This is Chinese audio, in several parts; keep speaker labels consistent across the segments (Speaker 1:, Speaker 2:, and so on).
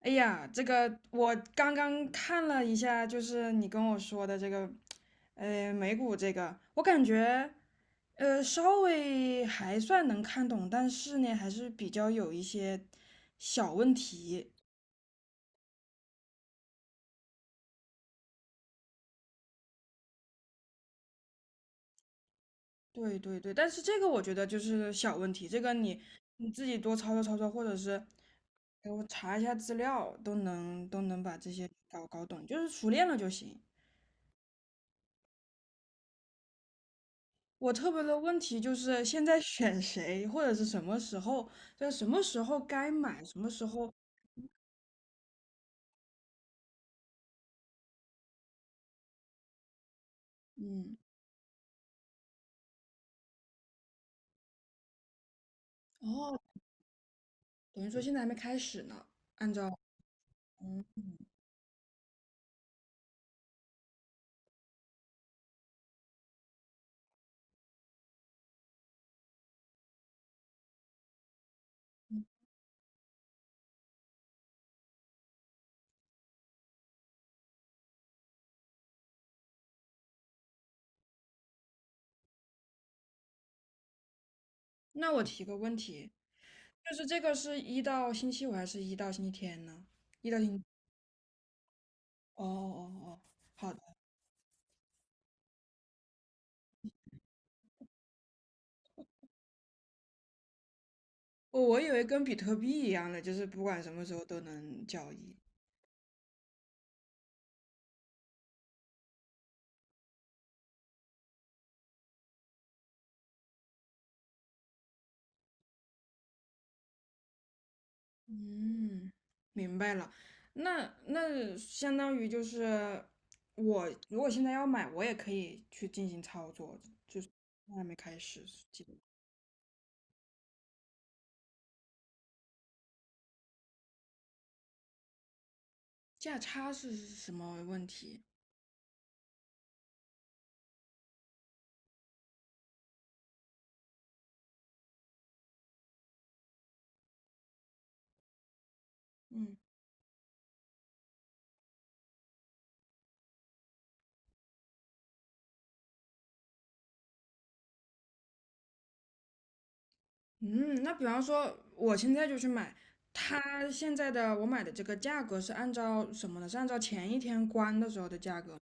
Speaker 1: 哎呀，这个我刚刚看了一下，就是你跟我说的这个，美股这个，我感觉，稍微还算能看懂，但是呢，还是比较有一些小问题。对对对，但是这个我觉得就是小问题，这个你自己多操作操作，或者是给我查一下资料，都能把这些搞搞懂，就是熟练了就行。我特别的问题就是现在选谁，或者是什么时候，就是什么时候该买，什么时候，嗯，哦，等于说现在还没开始呢。按照，嗯，那我提个问题，就是这个是一到星期五还是一到星期天呢？一到星，哦哦哦，好的，我以为跟比特币一样的，就是不管什么时候都能交易。嗯，明白了。那相当于就是我如果现在要买，我也可以去进行操作，还没开始。记得价差是什么问题？嗯嗯，那比方说我现在就去买，它现在的我买的这个价格是按照什么呢？是按照前一天关的时候的价格吗？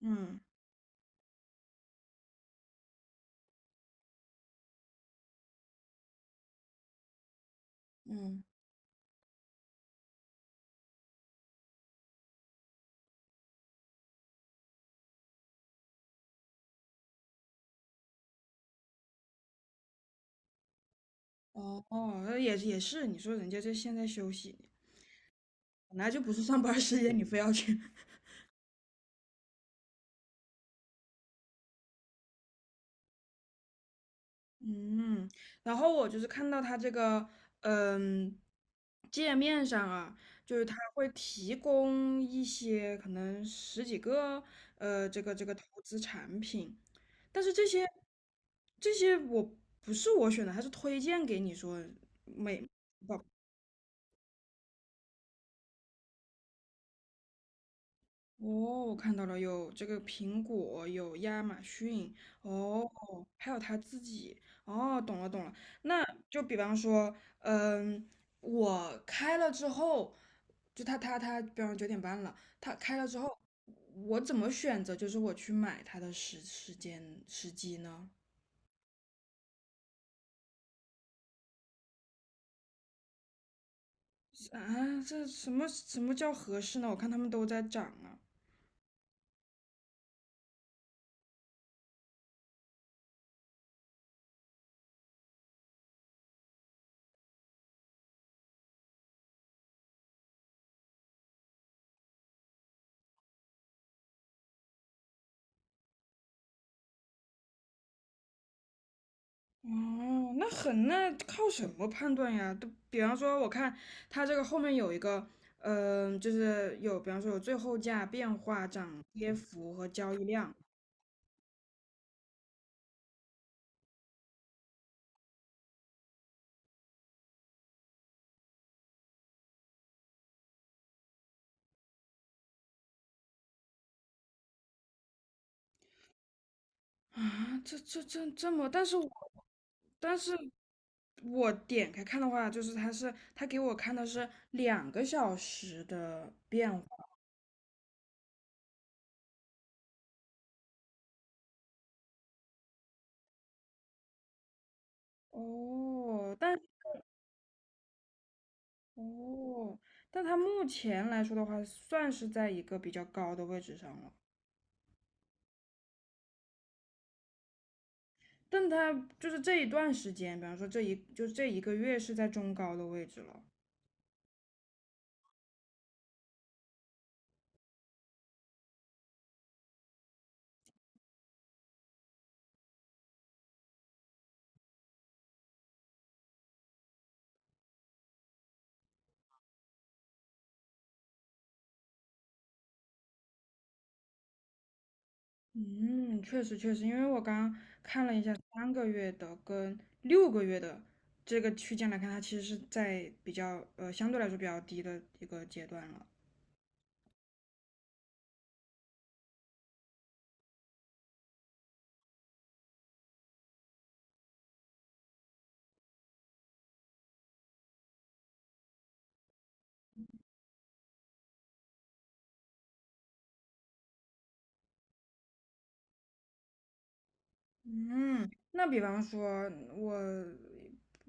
Speaker 1: 嗯嗯，哦哦，那也是，你说人家这现在休息，本来就不是上班儿时间，你非要去嗯，然后我就是看到它这个，嗯，界面上啊，就是它会提供一些可能十几个，这个投资产品，但是这些我不是我选的，它是推荐给你说每哦，我看到了，有这个苹果，有亚马逊，哦，还有他自己，哦，懂了懂了。那就比方说，嗯，我开了之后，就他，比方9:30了，他开了之后，我怎么选择？就是我去买它的时间时机呢？啊，这什么叫合适呢？我看他们都在涨啊。哦，那靠什么判断呀？都比方说，我看它这个后面有一个，就是有，比方说有最后价、变化、涨跌幅和交易量。啊，这这这这么，但是我但是点开看的话，就是它是它给我看的是2个小时的变化。哦，哦，但它目前来说的话，算是在一个比较高的位置上了。但它就是这一段时间，比方说就这一个月是在中高的位置了。嗯，确实确实，因为我刚刚看了一下3个月的跟6个月的这个区间来看，它其实是在比较相对来说比较低的一个阶段了。嗯，那比方说，我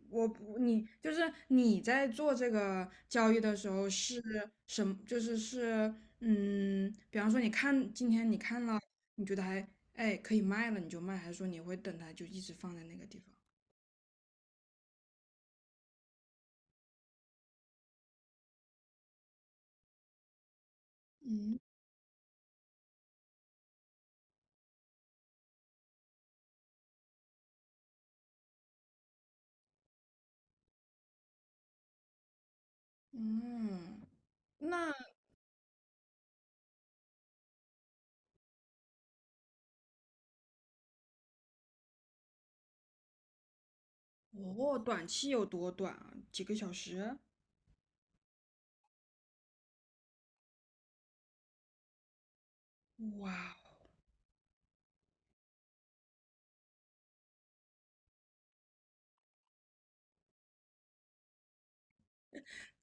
Speaker 1: 我不你就是你在做这个交易的时候是什么？就是嗯，比方说你看今天你看了，你觉得还哎可以卖了，你就卖，还是说你会等它就一直放在那个地方？嗯，那我短期有多短啊？几个小时？哇，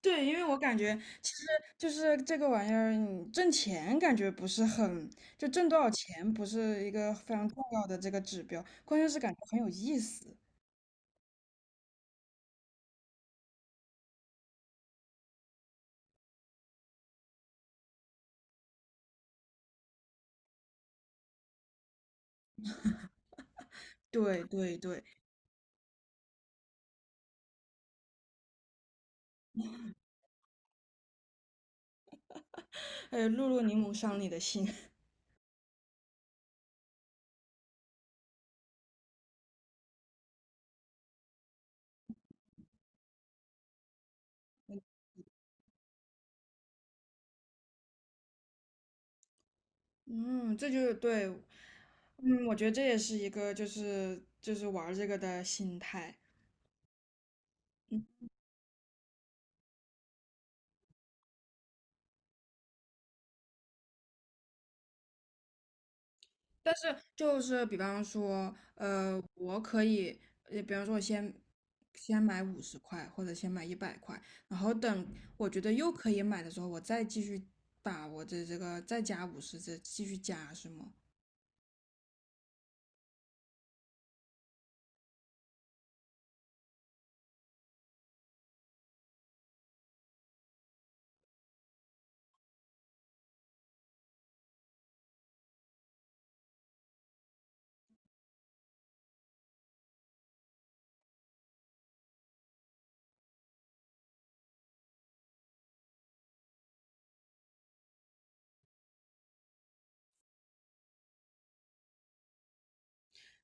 Speaker 1: 对，因为我感觉其实就是这个玩意儿，你挣钱感觉不是很，就挣多少钱不是一个非常重要的这个指标，关键是感觉很有意思。对对对，哎，露露柠檬伤你的心，嗯，这就是对，嗯，我觉得这也是一个就是玩儿这个的心态。但是就是比方说，我可以，比方说我先买50块，或者先买100块，然后等我觉得又可以买的时候，我再继续把我的这个再加五十，再继续加是吗？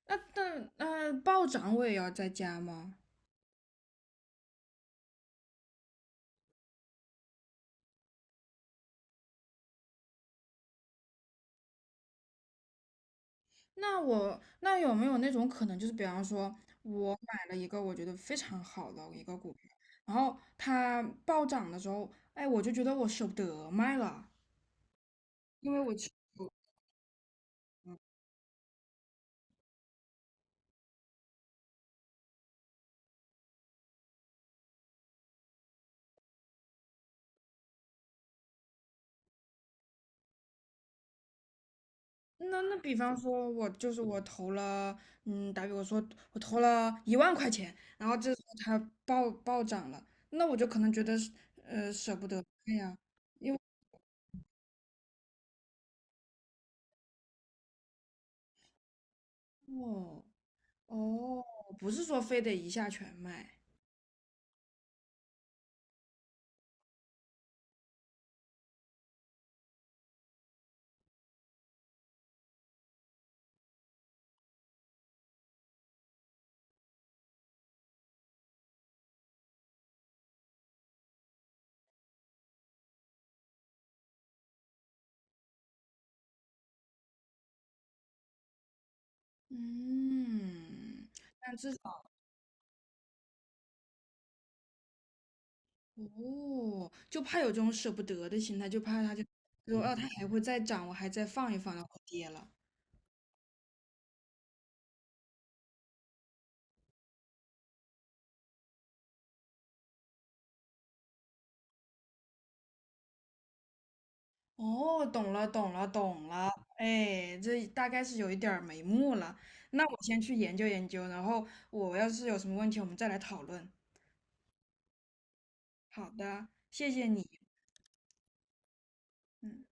Speaker 1: 那暴涨我也要再加吗？那我有没有那种可能，就是比方说我买了一个我觉得非常好的一个股票，然后它暴涨的时候，哎，我就觉得我舍不得卖了。因为我那比方说，我就是我投了，嗯，打比我说我投了1万块钱，然后这时候它暴涨了，那我就可能觉得是，舍不得卖呀。哦哦，不是说非得一下全卖。嗯，但至少哦，就怕有这种舍不得的心态，就怕它就哦，它还会再涨，我还再放一放，然后跌了。哦，懂了，懂了，懂了，哎，这大概是有一点儿眉目了。那我先去研究研究，然后我要是有什么问题，我们再来讨论。好的，谢谢你。嗯。